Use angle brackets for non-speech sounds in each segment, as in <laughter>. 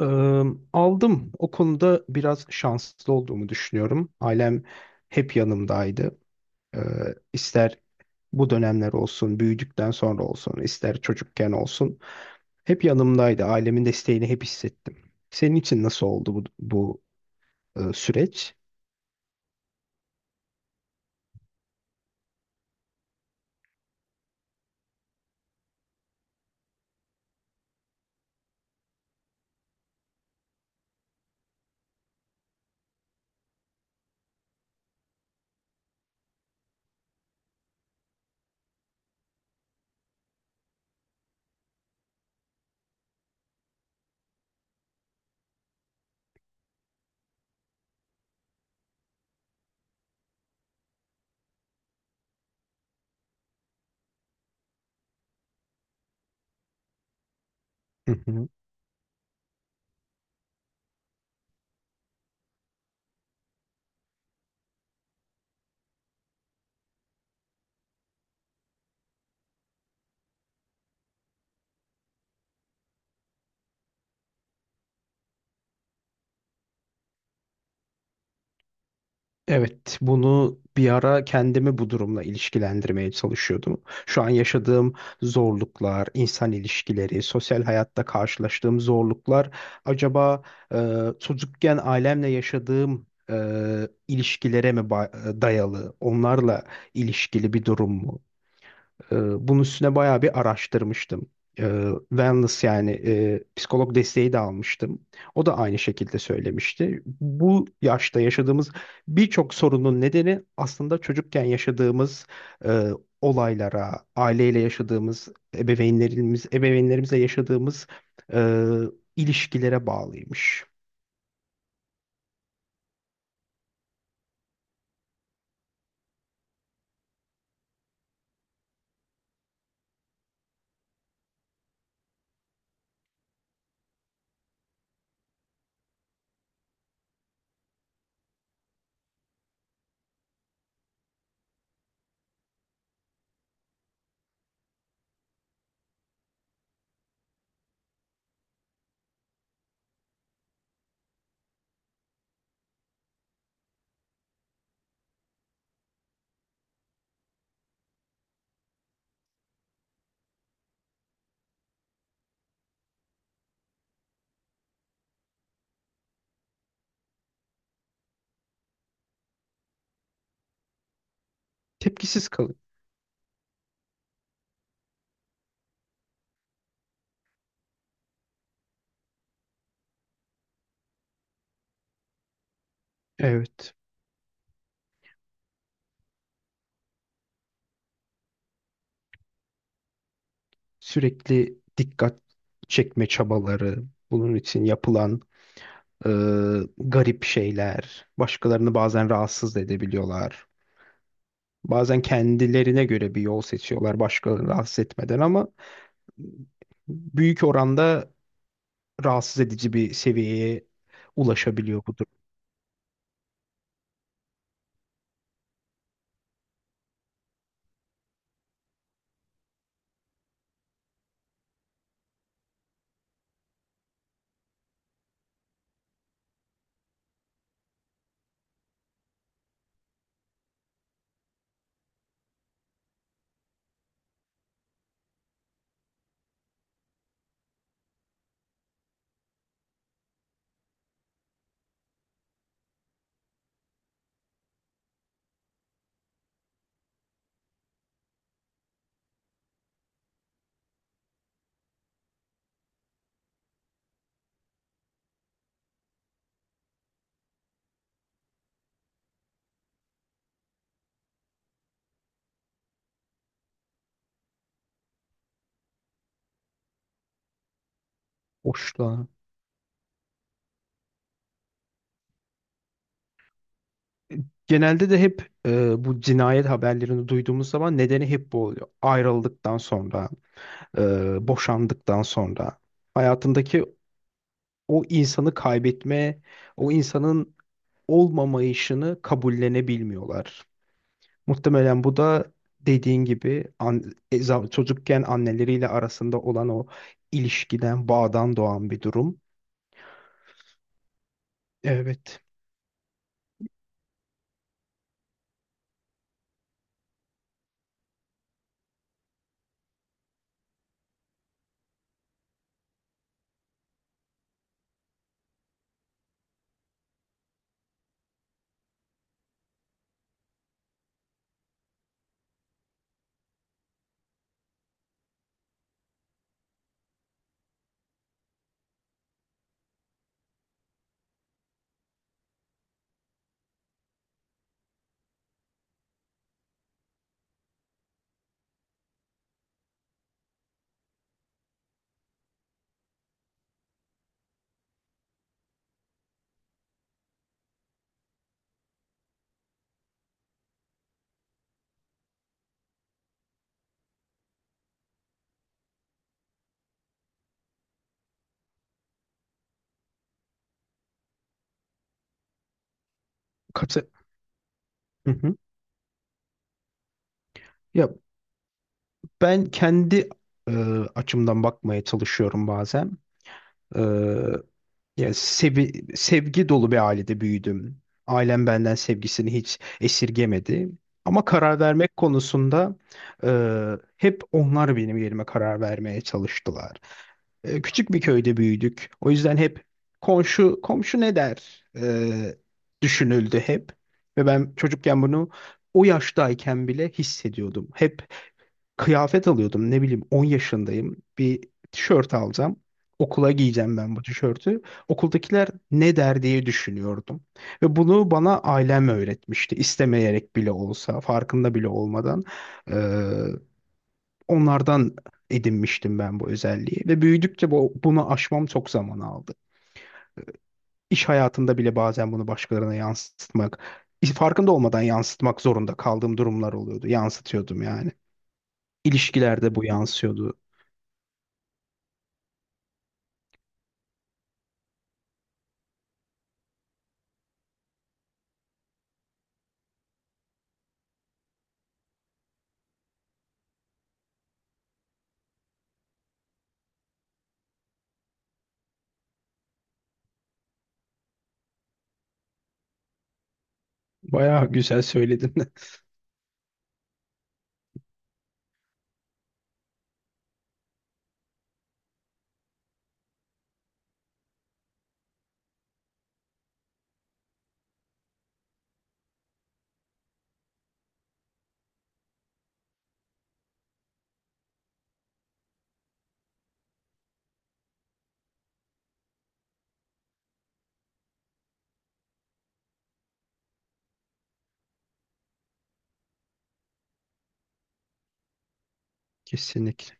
Eee, Aldım. O konuda biraz şanslı olduğumu düşünüyorum. Ailem hep yanımdaydı. İster bu dönemler olsun, büyüdükten sonra olsun, ister çocukken olsun. Hep yanımdaydı. Ailemin desteğini hep hissettim. Senin için nasıl oldu bu süreç? Hı hı. Evet, bunu bir ara kendimi bu durumla ilişkilendirmeye çalışıyordum. Şu an yaşadığım zorluklar, insan ilişkileri, sosyal hayatta karşılaştığım zorluklar, acaba çocukken ailemle yaşadığım ilişkilere dayalı, onlarla ilişkili bir durum mu? Ee, Bunun üstüne bayağı bir araştırmıştım. Wellness yani psikolog desteği de almıştım. O da aynı şekilde söylemişti. Bu yaşta yaşadığımız birçok sorunun nedeni aslında çocukken yaşadığımız e, olaylara, aileyle yaşadığımız, ebeveynlerimizle yaşadığımız e, ilişkilere bağlıymış. Tepkisiz kalın. Evet. Sürekli dikkat çekme çabaları, bunun için yapılan Ee, garip şeyler. Başkalarını bazen rahatsız da edebiliyorlar. Bazen kendilerine göre bir yol seçiyorlar başkalarını rahatsız etmeden ama büyük oranda rahatsız edici bir seviyeye ulaşabiliyor bu durum. Hoşla. Genelde de hep bu cinayet haberlerini duyduğumuz zaman nedeni hep bu oluyor. Ayrıldıktan sonra, boşandıktan sonra hayatındaki o insanı kaybetme, o insanın olmamayışını kabullenebilmiyorlar. Muhtemelen bu da dediğin gibi çocukken anneleriyle arasında olan o ilişkiden, bağdan doğan bir durum. Evet. Katı. Hı hı. Ya ben kendi e, açımdan bakmaya çalışıyorum bazen. E, Ya sevgi dolu bir ailede büyüdüm. Ailem benden sevgisini hiç esirgemedi. Ama karar vermek konusunda e, hep onlar benim yerime karar vermeye çalıştılar. E, küçük bir köyde büyüdük. O yüzden hep komşu komşu ne der, düşünüldü hep. Ve ben çocukken bunu o yaştayken bile hissediyordum. Hep kıyafet alıyordum. Ne bileyim 10 yaşındayım. Bir tişört alacağım. Okula giyeceğim ben bu tişörtü. Okuldakiler ne der diye düşünüyordum. Ve bunu bana ailem öğretmişti. İstemeyerek bile olsa, farkında bile olmadan. Ee, Onlardan edinmiştim ben bu özelliği ve büyüdükçe bunu aşmam çok zaman aldı. İş hayatında bile bazen bunu başkalarına yansıtmak, farkında olmadan yansıtmak zorunda kaldığım durumlar oluyordu. Yansıtıyordum yani. İlişkilerde bu yansıyordu. Bayağı güzel söyledin. <laughs> Kesinlikle.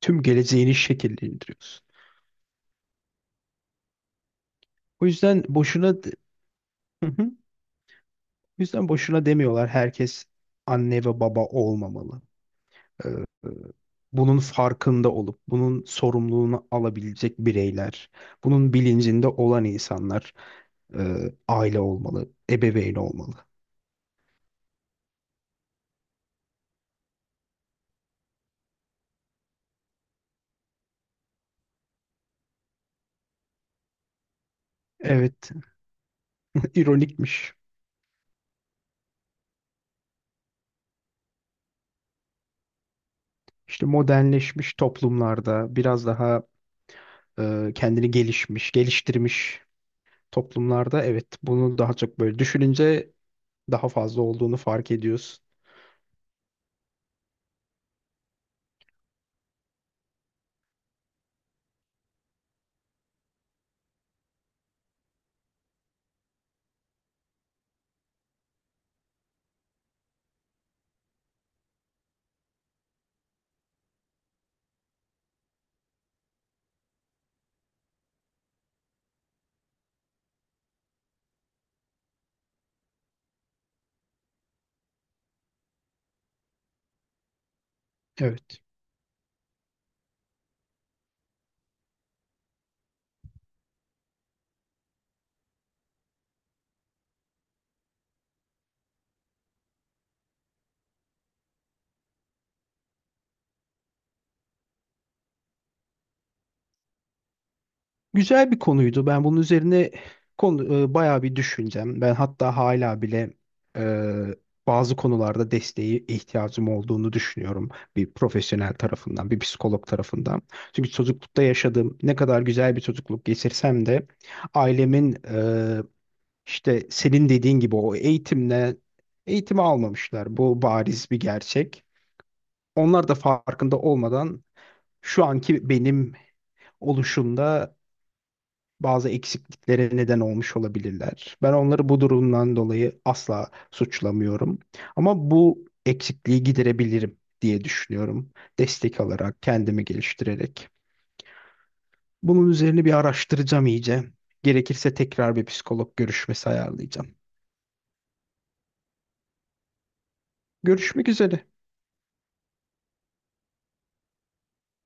Tüm geleceğini şekillendiriyorsun. O yüzden boşuna de- Hı hı. O yüzden boşuna demiyorlar, herkes anne ve baba olmamalı. Ee, Bunun farkında olup bunun sorumluluğunu alabilecek bireyler, bunun bilincinde olan insanlar e, aile olmalı, ebeveyn olmalı. Evet, <laughs> ironikmiş. İşte modernleşmiş toplumlarda biraz daha geliştirmiş toplumlarda evet bunu daha çok böyle düşününce daha fazla olduğunu fark ediyorsun. Evet. Güzel bir konuydu. Ben bunun üzerine bayağı bir düşüneceğim. Ben hatta hala bile e, bazı konularda desteğe ihtiyacım olduğunu düşünüyorum. Bir profesyonel tarafından, bir psikolog tarafından. Çünkü çocuklukta yaşadığım ne kadar güzel bir çocukluk geçirsem de ailemin işte senin dediğin gibi o eğitimle eğitimi almamışlar. Bu bariz bir gerçek. Onlar da farkında olmadan şu anki benim oluşumda bazı eksikliklere neden olmuş olabilirler. Ben onları bu durumdan dolayı asla suçlamıyorum. Ama bu eksikliği giderebilirim diye düşünüyorum. Destek alarak, kendimi geliştirerek. Bunun üzerine bir araştıracağım iyice. Gerekirse tekrar bir psikolog görüşmesi ayarlayacağım. Görüşmek üzere.